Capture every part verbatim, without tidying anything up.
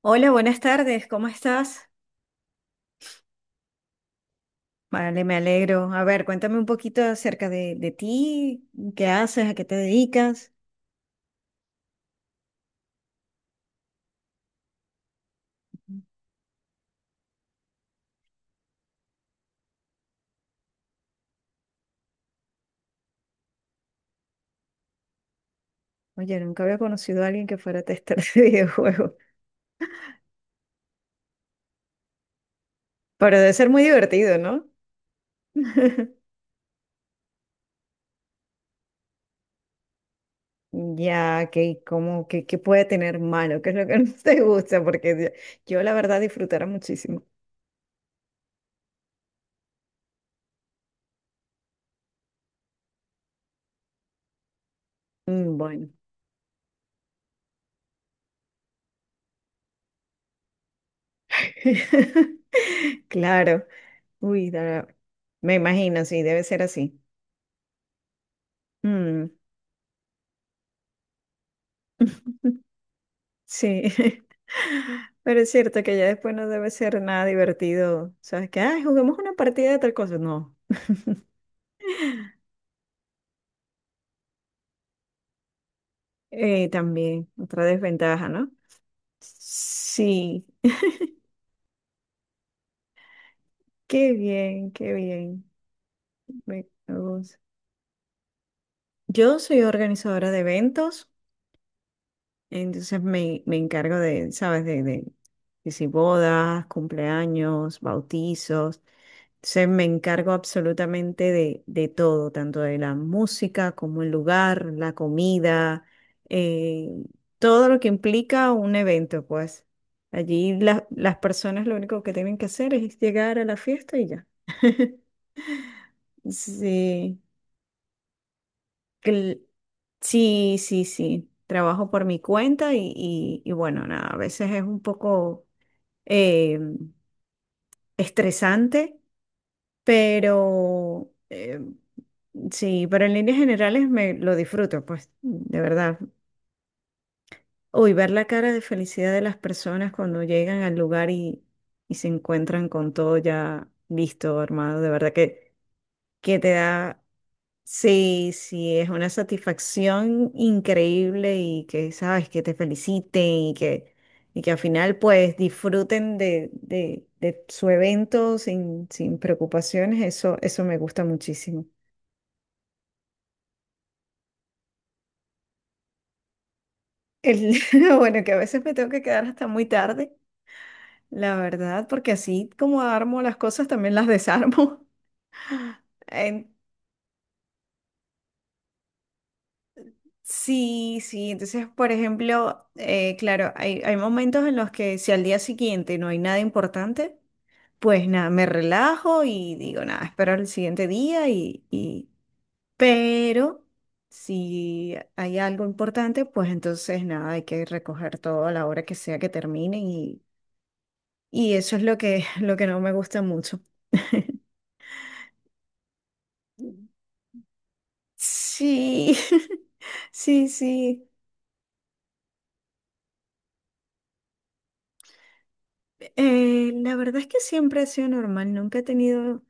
Hola, buenas tardes, ¿cómo estás? Vale, me alegro. A ver, cuéntame un poquito acerca de, de ti, qué haces, a qué te dedicas. Oye, nunca había conocido a alguien que fuera tester de videojuegos, pero debe ser muy divertido, ¿no? Ya, que como que, que puede tener malo, qué es lo que no te gusta, porque yo la verdad disfrutara muchísimo. Mm, Bueno, claro. Uy, da- me imagino, sí, debe ser así. Mm. Sí. Pero es cierto que ya después no debe ser nada divertido. ¿Sabes? Que ay, juguemos una partida de tal cosa. No. Eh, también, otra desventaja, ¿no? Sí. Qué bien, qué bien. Me gusta. Yo soy organizadora de eventos, entonces me, me encargo de, ¿sabes? De, de, de si bodas, cumpleaños, bautizos. Se me encargo absolutamente de, de todo, tanto de la música como el lugar, la comida, eh, todo lo que implica un evento, pues. Allí la- las personas lo único que tienen que hacer es llegar a la fiesta y ya. Sí, cl- sí, sí, sí. Trabajo por mi cuenta y, y- y bueno, nada, a veces es un poco eh, estresante. Pero eh, sí, pero en líneas generales me lo disfruto, pues, de verdad. Uy, ver la cara de felicidad de las personas cuando llegan al lugar y, y se encuentran con todo ya listo, armado, de verdad que, que te da, sí, sí, es una satisfacción increíble y que, sabes, que te feliciten y que, y que al final pues disfruten de, de, de su evento sin, sin preocupaciones, eso, eso me gusta muchísimo. El, bueno, que a veces me tengo que quedar hasta muy tarde, la verdad, porque así como armo las cosas, también las desarmo. En- sí, sí, entonces, por ejemplo, eh, claro, hay, hay momentos en los que si al día siguiente no hay nada importante, pues nada, me relajo y digo, nada, espero el siguiente día y, y... Pero si hay algo importante, pues entonces nada, hay que recoger todo a la hora que sea que terminen. Y eso es lo que, lo que no me gusta mucho. Sí, sí, sí. Eh, la verdad es que siempre ha sido normal, nunca he tenido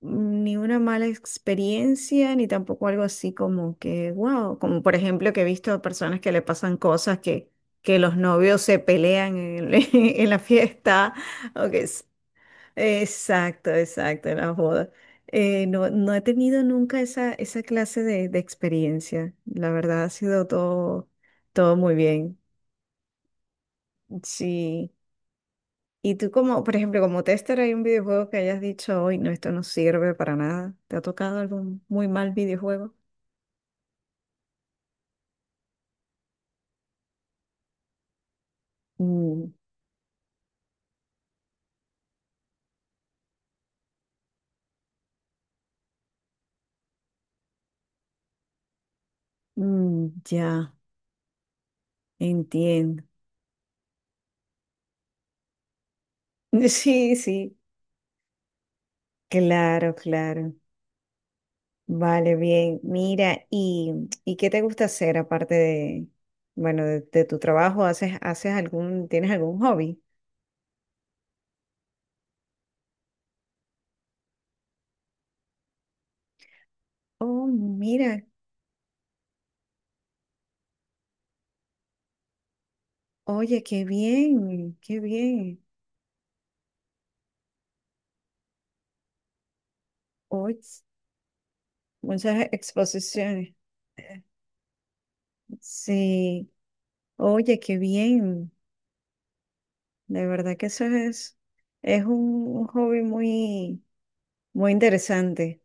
ni una mala experiencia, ni tampoco algo así como que, wow, como por ejemplo que he visto a personas que le pasan cosas que, que los novios se pelean en, en la fiesta, o que s- exacto, exacto, en la boda. Eh, no, no he tenido nunca esa, esa clase de, de experiencia. La verdad ha sido todo, todo muy bien. Sí. ¿Y tú como, por ejemplo, como tester hay un videojuego que hayas dicho, hoy no, esto no sirve para nada? ¿Te ha tocado algún muy mal videojuego? Mm, mm, ya, entiendo. Sí, sí, claro, claro. Vale, bien. Mira, ¿y, y qué te gusta hacer aparte de, bueno, de, de tu trabajo? ¿Haces, haces algún, tienes algún hobby? Oh, mira, oye, qué bien, qué bien. Oye, muchas exposiciones. Sí, oye, qué bien. De verdad que eso es, es un, un hobby muy, muy interesante,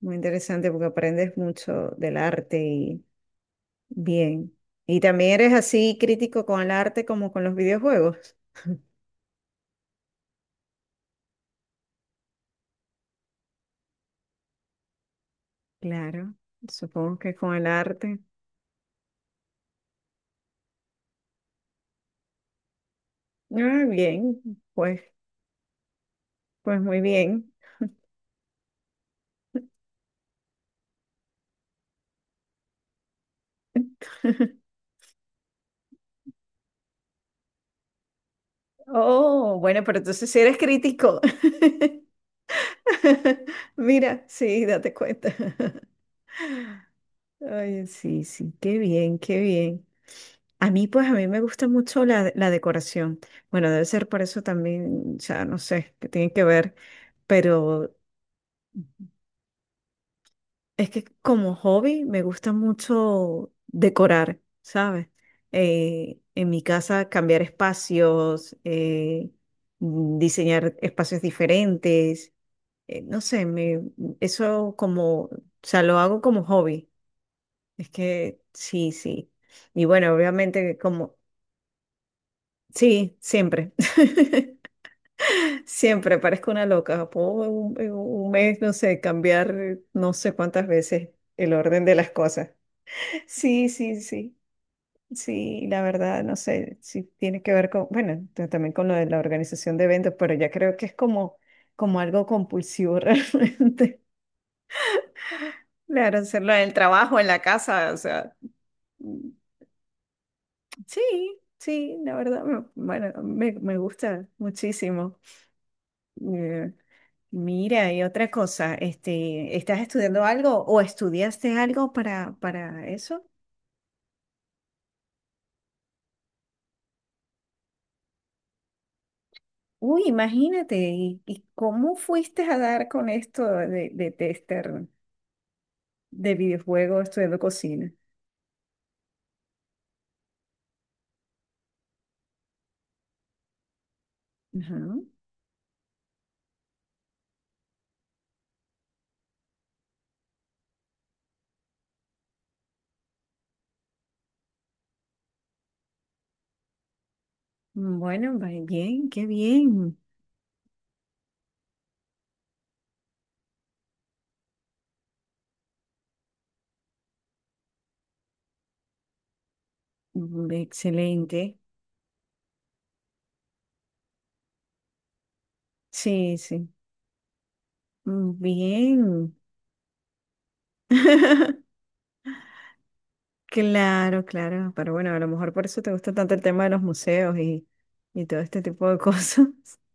muy interesante porque aprendes mucho del arte. Bien. ¿Y también eres así crítico con el arte como con los videojuegos? Claro, supongo que con el arte. Ah, bien, pues, pues muy bien. Oh, bueno, pero entonces si eres crítico. Mira, sí, date cuenta. Ay, sí, sí, qué bien, qué bien. A mí, pues, a mí me gusta mucho la, la decoración. Bueno, debe ser por eso también, o sea, no sé, que tiene que ver, pero es que como hobby me gusta mucho decorar, ¿sabes? Eh, en mi casa cambiar espacios, eh, mm, diseñar espacios diferentes, eh, no sé, me, eso como, o sea, lo hago como hobby. Es que sí, sí. Y bueno, obviamente como, sí, siempre, siempre parezco una loca. Puedo en un en un mes, no sé, cambiar eh, no sé cuántas veces el orden de las cosas. Sí, sí, sí, sí, la verdad, no sé si tiene que ver con, bueno, t- también con lo de la organización de eventos, pero ya creo que es como, como algo compulsivo realmente. Claro, hacerlo en el trabajo, en la casa, o sea, mm, sí, sí, la verdad, me- bueno, me, me gusta muchísimo. Eh, Mira, y otra cosa, este, ¿estás estudiando algo o estudiaste algo para, para eso? Uy, imagínate, ¿y, y cómo fuiste a dar con esto de, de tester de videojuegos estudiando cocina? Ajá. Bueno, va bien, qué bien. Mm, Excelente. Sí, sí. Mm, bien. Claro, claro. Pero bueno, a lo mejor por eso te gusta tanto el tema de los museos y, y todo este tipo de cosas.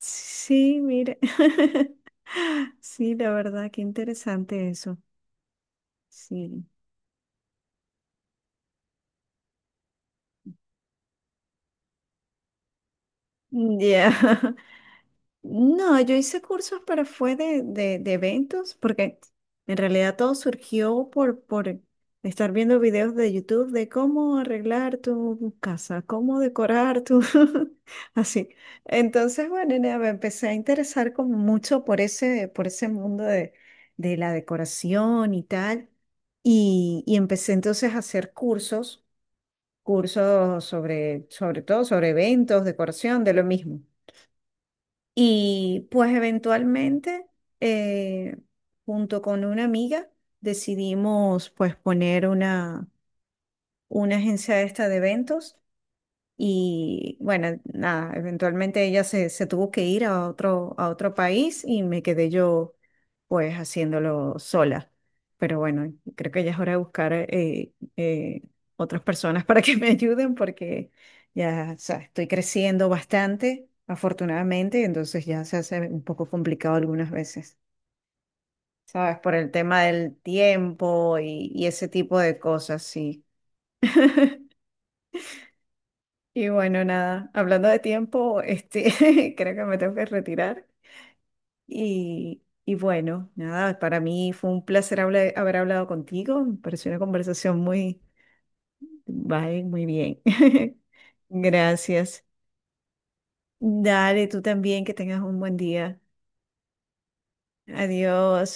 Sí, mire. Sí, la verdad, qué interesante eso. Sí. Ya. No, yo hice cursos, pero fue de, de, de eventos, porque en realidad todo surgió por, por estar viendo videos de YouTube de cómo arreglar tu casa, cómo decorar tu así. Entonces, bueno, nada, me empecé a interesar como mucho por ese, por ese mundo de, de la decoración y tal. Y, y empecé entonces a hacer cursos, cursos sobre, sobre todo sobre eventos, decoración, de lo mismo. Y pues eventualmente, eh, junto con una amiga, decidimos pues poner una, una agencia esta de eventos y bueno, nada, eventualmente ella se, se tuvo que ir a otro, a otro país y me quedé yo pues haciéndolo sola. Pero bueno, creo que ya es hora de buscar eh, eh, otras personas para que me ayuden porque ya, o sea, estoy creciendo bastante, afortunadamente, entonces ya se hace un poco complicado algunas veces, ¿sabes? Por el tema del tiempo y, y ese tipo de cosas, sí. Y bueno, nada, hablando de tiempo, este, creo que me tengo que retirar. Y, y bueno, nada, para mí fue un placer habla- haber hablado contigo. Me pareció una conversación muy, bye, muy bien. Gracias. Dale, tú también, que tengas un buen día. Adiós.